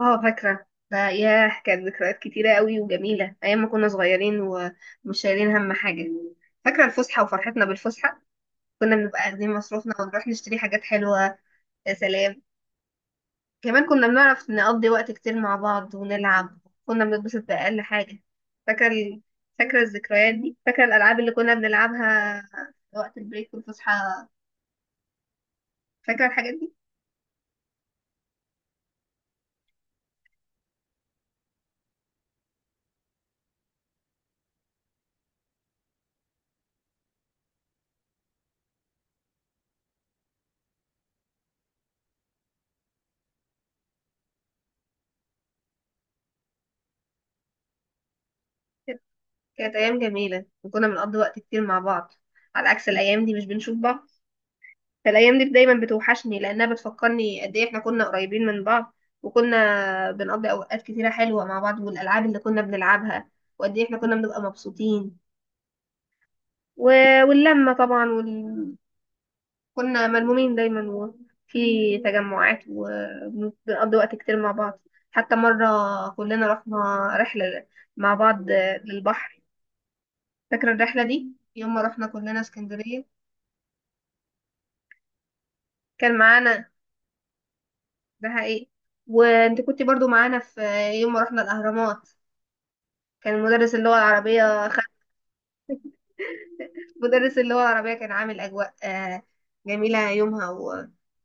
اه، فاكرة ده. ياه، كانت ذكريات كتيرة قوي وجميلة أيام ما كنا صغيرين ومش شايلين هم حاجة. فاكرة الفسحة وفرحتنا بالفسحة. كنا بنبقى واخدين مصروفنا ونروح نشتري حاجات حلوة. يا سلام. كمان كنا بنعرف نقضي وقت كتير مع بعض ونلعب. كنا بنتبسط بأقل حاجة. فاكرة ال... فاكرة الذكريات دي. فاكرة الألعاب اللي كنا بنلعبها وقت البريك والفسحة. فاكرة الحاجات دي. كانت كانت أيام جميلة وكنا بنقضي وقت كتير مع بعض، على عكس الأيام دي مش بنشوف بعض. فالايام دي دايما بتوحشني لانها بتفكرني قد ايه احنا كنا قريبين من بعض. وكنا بنقضي اوقات كتيره حلوه مع بعض والالعاب اللي كنا بنلعبها، وقد ايه احنا كنا بنبقى مبسوطين و... واللمه طبعا كنا ملمومين دايما وفي تجمعات وبنقضي وقت كتير مع بعض. حتى مره كلنا رحنا رحله مع بعض للبحر. فاكره الرحله دي، يوم ما رحنا كلنا اسكندريه. كان معانا، ده حقيقي. وانت كنت برضو معانا في يوم ما رحنا الاهرامات. كان مدرس اللغه العربيه خد. مدرس اللغه العربيه كان عامل اجواء جميله يومها، وكان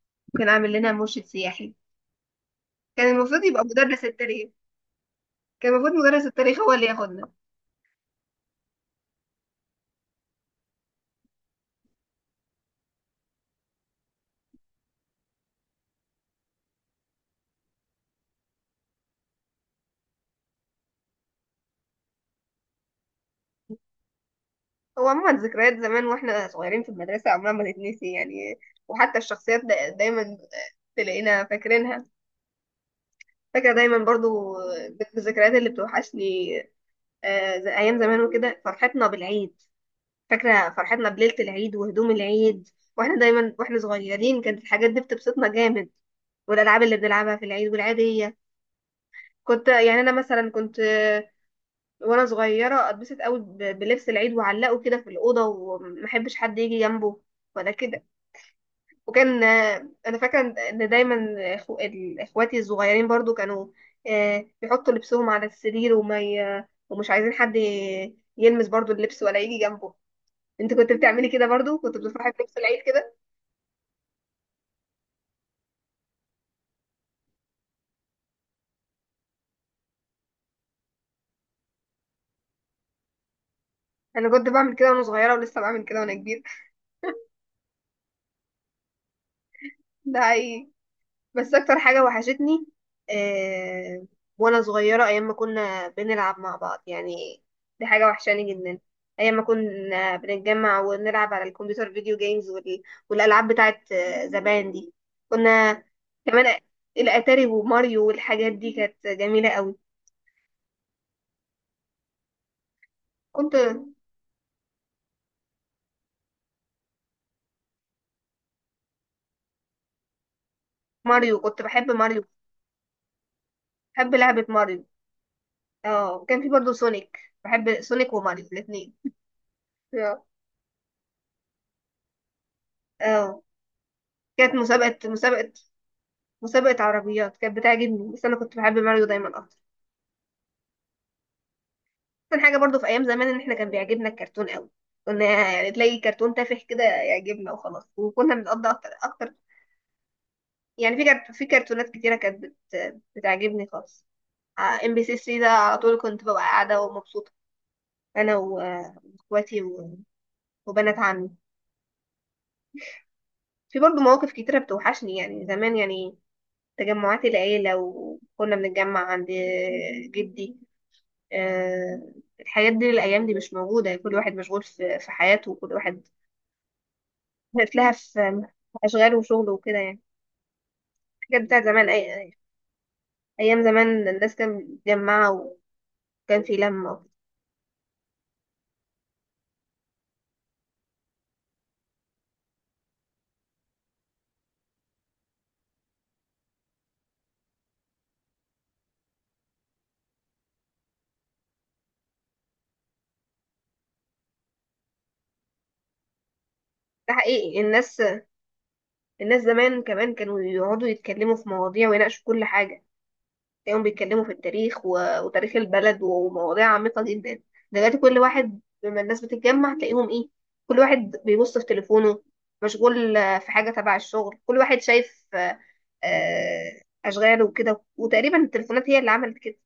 عامل لنا مرشد سياحي. كان المفروض يبقى مدرس التاريخ. كان المفروض مدرس التاريخ هو اللي ياخدنا. هو عموما ذكريات زمان واحنا صغيرين في المدرسه عمرها ما تتنسي يعني. وحتى الشخصيات دايما تلاقينا فاكرينها. فاكره دايما برضو بالذكريات اللي بتوحشني. زي ايام زمان وكده فرحتنا بالعيد. فاكرة فرحتنا بليلة العيد وهدوم العيد. واحنا دايما واحنا صغيرين كانت الحاجات دي بتبسطنا جامد. والألعاب اللي بنلعبها في العيد والعيدية. كنت يعني أنا مثلا كنت وأنا صغيرة أتبسط قوي بلبس العيد وأعلقه كده في الأوضة ومحبش حد يجي جنبه ولا كده. وكان أنا فاكرة إن دايما إخواتي الصغيرين برضو كانوا بيحطوا لبسهم على السرير ومش عايزين حد يلمس برضو اللبس ولا يجي جنبه. انت كنت بتعملي كده برضو، كنت بتصاحبي في نفس العيد كده؟ انا كنت بعمل كده وانا صغيره ولسه بعمل كده وانا كبير. ده حقيقي. بس اكتر حاجه وحشتني آه وانا صغيره، ايام ما كنا بنلعب مع بعض يعني. دي حاجه وحشاني جدا. ايام ما كنا بنتجمع ونلعب على الكمبيوتر فيديو جيمز والالعاب بتاعت زمان دي. كنا كمان الاتاري وماريو والحاجات دي كانت جميله قوي. كنت كنت بحب ماريو. بحب لعبه ماريو. اه، وكان في برضه سونيك، بحب سونيك وماريو الاثنين. اه. اه. كانت مسابقة عربيات كانت بتعجبني، بس انا كنت بحب ماريو دايما اكتر. كان حاجة برضه في ايام زمان ان احنا كان بيعجبنا الكرتون قوي. كنا يعني تلاقي كرتون تافه كده يعجبنا وخلاص، وكنا بنقضي اكتر اكتر. يعني في كرتونات كتيرة كانت بتعجبني خالص. ام بي سي 3 ده على طول كنت ببقى قاعدة ومبسوطة. انا واخواتي وبنات عمي. في برضه مواقف كتيرة بتوحشني يعني زمان يعني. تجمعات العيلة وكنا بنتجمع عند جدي آه، الحاجات دي، الأيام دي مش موجودة يعني. كل واحد مشغول في حياته، وكل واحد لها في أشغاله وشغله وكده يعني. الحاجات بتاعت زمان. أيام زمان الناس كانت متجمعة وكان في لمة. ده حقيقي. الناس زمان كمان كانوا يقعدوا يتكلموا في مواضيع ويناقشوا كل حاجة. تلاقيهم بيتكلموا في التاريخ وتاريخ البلد ومواضيع عميقة جدا. دلوقتي كل واحد، لما الناس بتتجمع تلاقيهم ايه؟ كل واحد بيبص في تليفونه، مشغول في حاجة تبع الشغل. كل واحد شايف أشغاله وكده. وتقريبا التليفونات هي اللي عملت كده.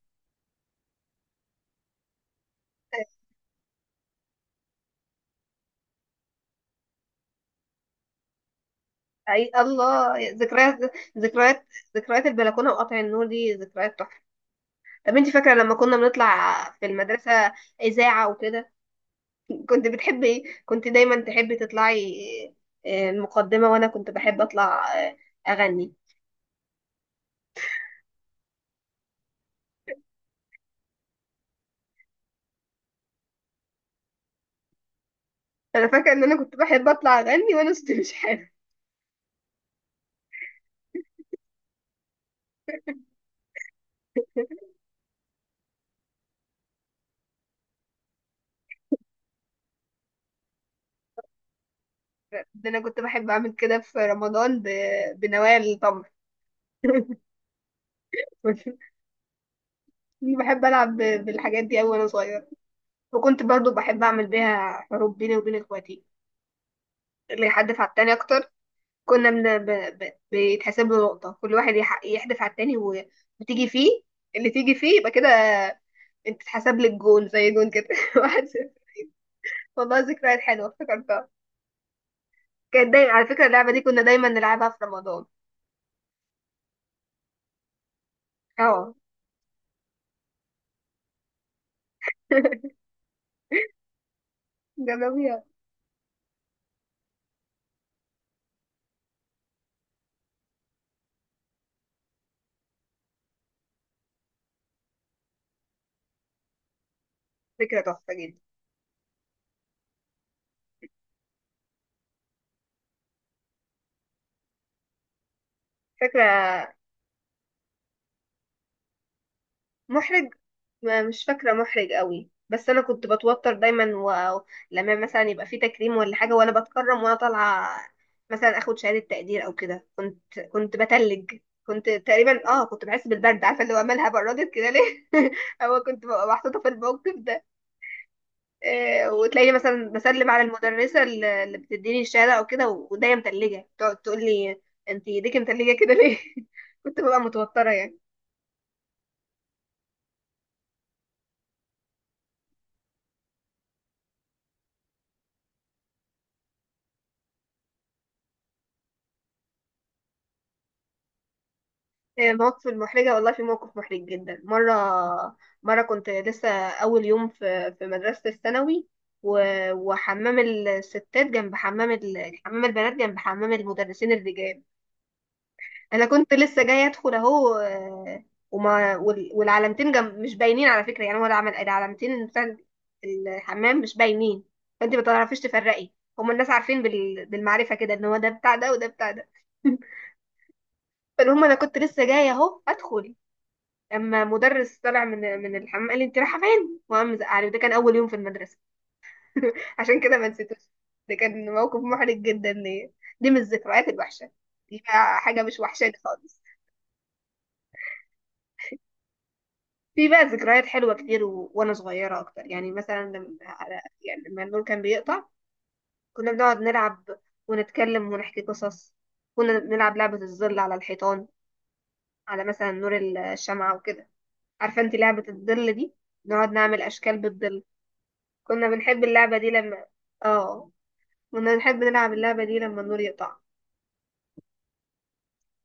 اي الله، ذكريات ذكريات البلكونه وقطع النور، دي ذكريات تحفه. طب انت فاكره لما كنا بنطلع في المدرسه اذاعه وكده؟ كنت دايما تحبي تطلعي المقدمة، وانا كنت بحب اطلع اغني. انا فاكرة ان انا كنت بحب اطلع اغني وانا صوتي مش حلو. ده انا كنت بحب اعمل كده في رمضان بنوايا التمر. كنت بحب العب بالحاجات دي اوي وانا صغيرة، وكنت برضو بحب اعمل بيها حروب بيني وبين اخواتي، اللي يحدف على التاني اكتر. كنا من... ب... ب... بيتحسب له نقطة، كل واحد يحدف على التاني وتيجي فيه، اللي تيجي فيه يبقى كده. انت اتحسب لك جون، زي جون كده. واحد صفر. والله ذكريات حلوه افتكرتها. كانت دايما على فكره، اللعبه دي كنا دايما نلعبها في رمضان. اه. جربيها. فكره تحفه جدا. فاكره محرج ما مش فاكره محرج قوي، بس انا كنت بتوتر دايما. لما مثلا يبقى في تكريم ولا حاجه وانا بتكرم وانا طالعه مثلا اخد شهاده تقدير او كده، كنت بتلج. كنت تقريبا كنت بحس بالبرد، عارفه اللي هو مالها بردت كده ليه؟ هو كنت ببقى محطوطه في الموقف ده. وتلاقيني مثلا بسلم على المدرسة اللي بتديني الشهادة أو كده، وإيديا متلجة، تقعد تقول لي: أنت إيديك متلجة كده ليه؟ كنت ببقى متوترة يعني. مواقف المحرجة، والله في موقف محرج جدا مرة. كنت لسه أول يوم في مدرسة الثانوي، وحمام الستات جنب حمام حمام البنات جنب حمام المدرسين الرجال. انا كنت لسه جايه ادخل اهو والعلامتين جم مش باينين على فكره يعني. هو العلامتين بتاع الحمام مش باينين، فانت ما تعرفيش تفرقي. هما الناس عارفين بالمعرفه كده، ان هو ده بتاع ده وده بتاع ده. فالمهم انا كنت لسه جايه اهو ادخل، اما مدرس طلع من الحمام قال لي: انت رايحه فين؟ وقام زعلي، ده كان اول يوم في المدرسه. عشان كده ما نسيتوش. ده كان موقف محرج جدا ليا. دي من الذكريات الوحشه، دي بقى حاجه مش وحشاني خالص. في بقى ذكريات حلوة كتير وأنا صغيرة أكتر. يعني مثلا لما، يعني لما النور كان بيقطع، كنا بنقعد نلعب ونتكلم ونحكي قصص. كنا بنلعب لعبة الظل على الحيطان، على مثلا نور الشمعة وكده. عارفة انت لعبة الظل دي؟ نقعد نعمل أشكال بالظل. كنا بنحب اللعبة دي لما اه كنا بنحب نلعب اللعبة دي لما النور يقطع.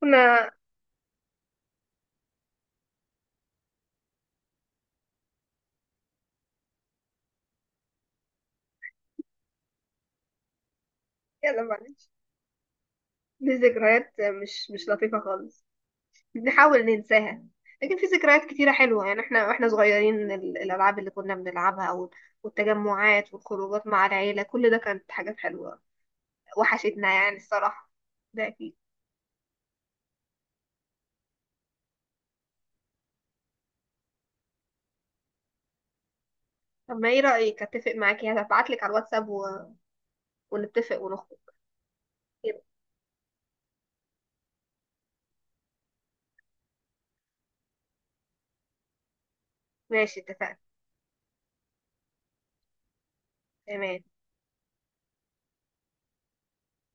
كنا، يلا معلش، دي ذكريات مش لطيفة خالص، بنحاول ننساها. لكن في ذكريات كتيرة حلوة يعني، احنا واحنا صغيرين الألعاب اللي كنا بنلعبها والتجمعات والخروجات مع العيلة، كل ده كانت حاجات حلوة. وحشتنا يعني الصراحة. ده أكيد. طب ما ايه رأيك؟ اتفق معاكي هبعتلك على الواتساب ونتفق ونخرج كده. ماشي، اتفقنا. تمام.